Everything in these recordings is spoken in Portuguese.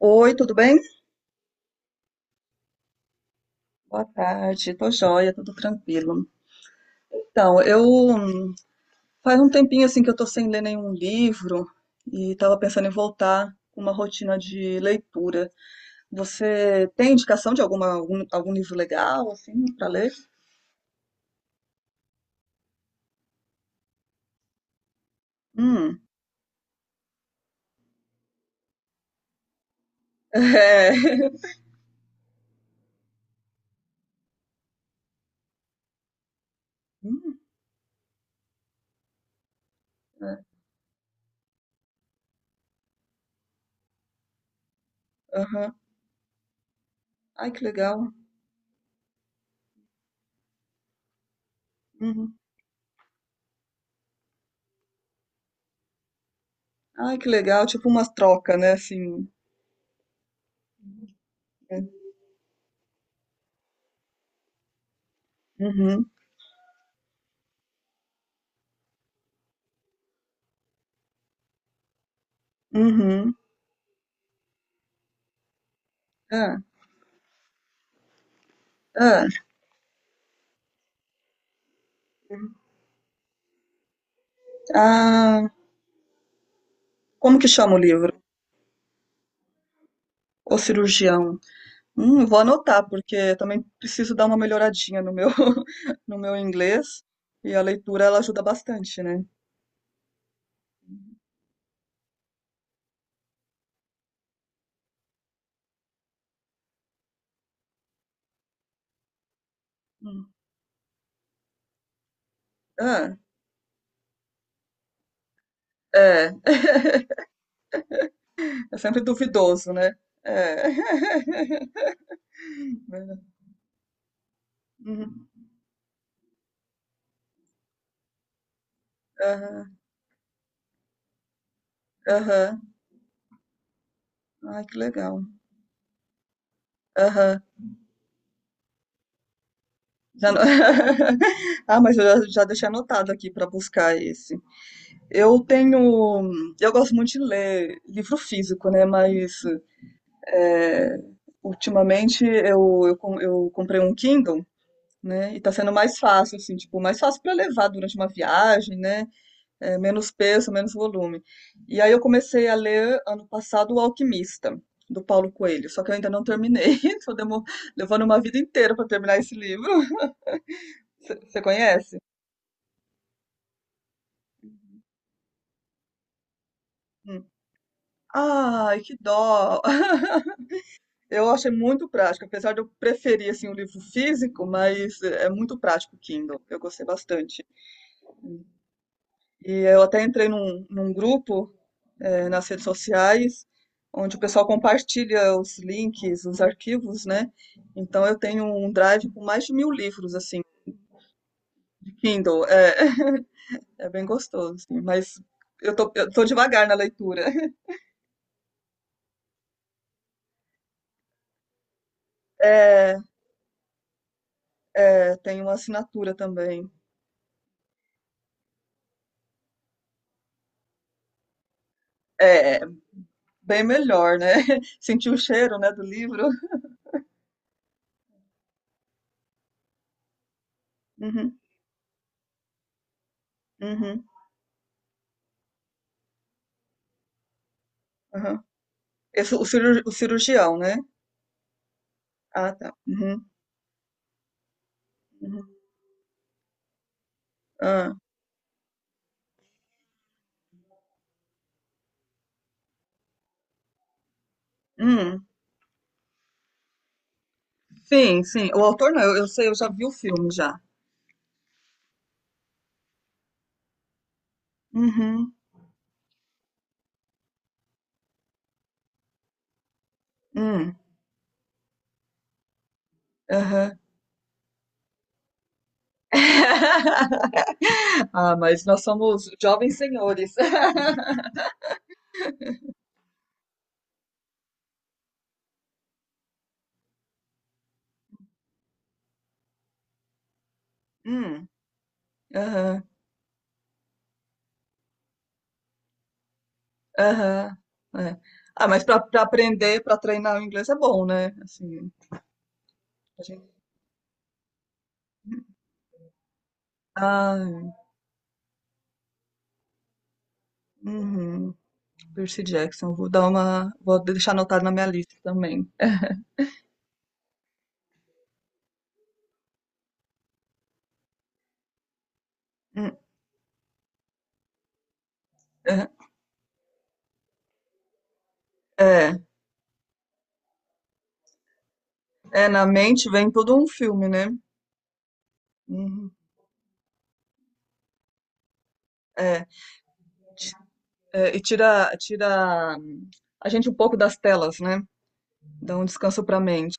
Oi, tudo bem? Boa tarde, tô joia, tudo tranquilo. Então, eu faz um tempinho assim que eu tô sem ler nenhum livro e tava pensando em voltar com uma rotina de leitura. Você tem indicação de algum livro legal assim para ler? Hum. É. Hum, é. Aham. Ai, que legal. Uhum. Ai, que legal, tipo umas trocas, né, assim. Né? Uhum. Uhum. Ah, ah. Ah, como que chama o livro? O cirurgião. Vou anotar, porque eu também preciso dar uma melhoradinha no meu, no meu inglês. E a leitura, ela ajuda bastante, né? Hum. Ah, é. É sempre duvidoso, né? É. Verdade. Uhum. Aham, aham. Ai, que legal. Aham. Já ano- Ah, mas eu já, já deixei anotado aqui para buscar esse. Eu tenho. Eu gosto muito de ler livro físico, né? Mas é, ultimamente eu comprei um Kindle. Né? E tá sendo mais fácil, assim, tipo, mais fácil para levar durante uma viagem, né? É, menos peso, menos volume. E aí eu comecei a ler ano passado O Alquimista, do Paulo Coelho, só que eu ainda não terminei. Tô demo- Levando uma vida inteira para terminar esse livro. Você conhece? Hum. Ai, que dó! Eu achei muito prático, apesar de eu preferir assim, o livro físico, mas é muito prático o Kindle. Eu gostei bastante. E eu até entrei num grupo nas redes sociais, onde o pessoal compartilha os links, os arquivos, né? Então eu tenho um drive com mais de 1.000 livros, assim, de Kindle. É, é bem gostoso, assim, mas eu tô devagar na leitura. É, é, tem uma assinatura também. É, bem melhor, né? Sentir o cheiro, né, do livro. Uhum, uhum, uhum. Esse, cirur- o cirurgião, né? Ah, tá. Uhum, uhum. Ah, hum. Sim, sim. O autor não, eu sei, eu já vi o filme já. Uhum. Hum. Aham. Ah, mas nós somos jovens senhores. Hum. Aham. Aham. É. Ah, mas para aprender, para treinar o inglês é bom, né? Assim, a gente... Ah, uhum. Percy Jackson. Vou dar uma... Vou deixar anotado na minha lista também. Hum, é, é, é, na mente vem todo um filme, né? Uhum, é, ti- é, e tira, a gente um pouco das telas, né? Dá um descanso para a mente.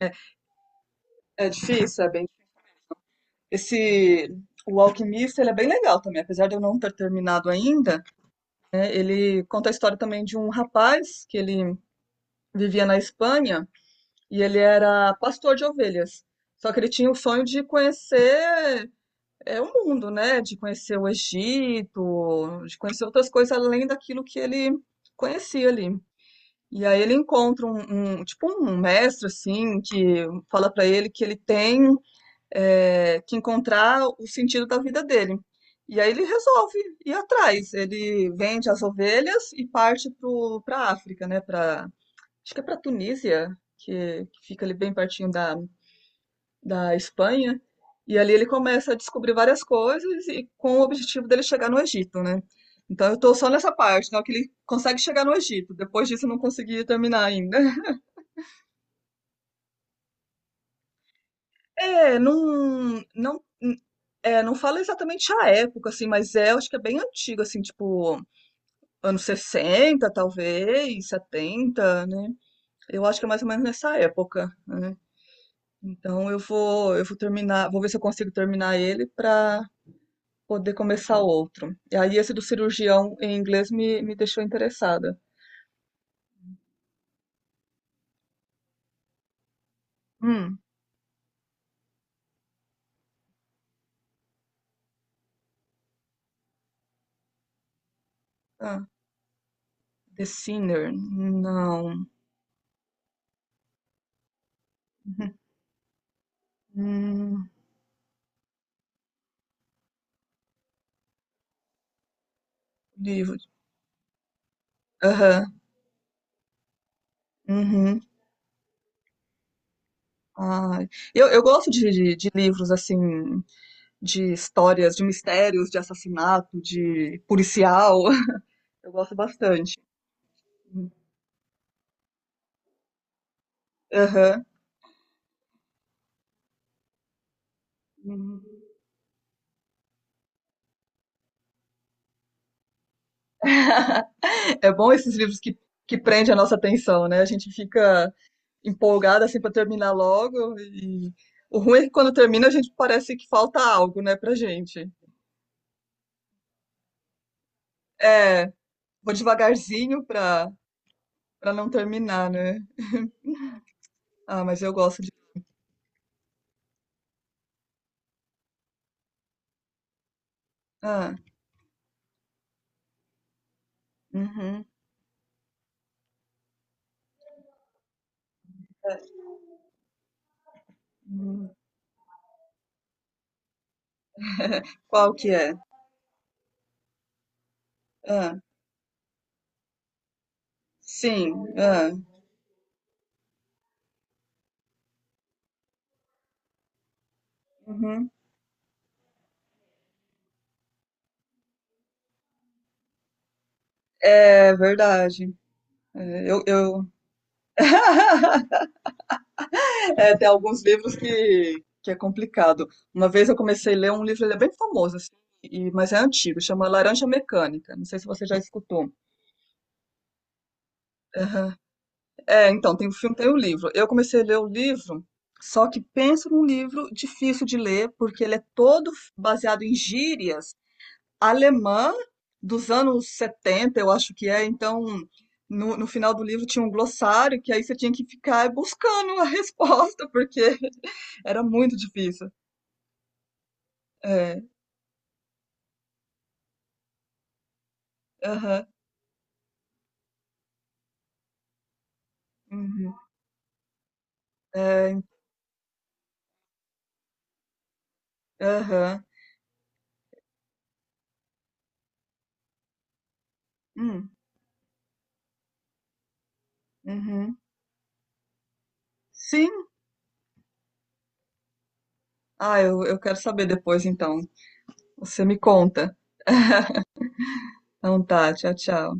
É, é difícil, é bem. Esse. O Alquimista, ele é bem legal também, apesar de eu não ter terminado ainda. Né, ele conta a história também de um rapaz que ele vivia na Espanha e ele era pastor de ovelhas. Só que ele tinha o sonho de conhecer o mundo, né? De conhecer o Egito, de conhecer outras coisas além daquilo que ele conhecia ali. E aí ele encontra tipo um mestre assim que fala para ele que ele tem que encontrar o sentido da vida dele. E aí ele resolve ir atrás. Ele vende as ovelhas e parte para a África, né? Pra, acho que é para a Tunísia, que fica ali bem pertinho da, da Espanha. E ali ele começa a descobrir várias coisas e com o objetivo dele chegar no Egito, né? Então eu tô só nessa parte, né? Que ele consegue chegar no Egito. Depois disso eu não consegui terminar ainda. É, é, não fala exatamente a época, assim, mas é, eu acho que é bem antigo, assim, tipo, anos 60 talvez, 70, né? Eu acho que é mais ou menos nessa época, né? Então eu vou terminar, vou ver se eu consigo terminar ele para poder começar outro. E aí esse do cirurgião em inglês me deixou interessada. Hum, ah, The Sinner, não. Hum, livro. Aham, uhum. Ai, eu gosto de livros assim, de histórias, de mistérios, de assassinato, de policial. Eu gosto bastante. Aham. É bom esses livros que prendem a nossa atenção, né? A gente fica empolgada assim para terminar logo e o ruim é que quando termina a gente parece que falta algo, né, pra gente. É, vou devagarzinho pra, pra não terminar, né? Ah, mas eu gosto de. Ah, uhum, uhum. Qual que é? Ah. Sim, é. Uhum. É verdade. É, eu... É, tem alguns livros que é complicado. Uma vez eu comecei a ler um livro, ele é bem famoso, assim, e- mas é antigo, chama Laranja Mecânica. Não sei se você já escutou. Aham. É, então, tem o filme, tem o livro. Eu comecei a ler o livro, só que penso num livro difícil de ler, porque ele é todo baseado em gírias alemã dos anos 70, eu acho que é. Então, no final do livro tinha um glossário que aí você tinha que ficar buscando a resposta, porque era muito difícil. É, aham, uhum, é, aham, hum, uhum. Sim. Ah, eu quero saber depois, então. Você me conta. Então tá, tchau, tchau.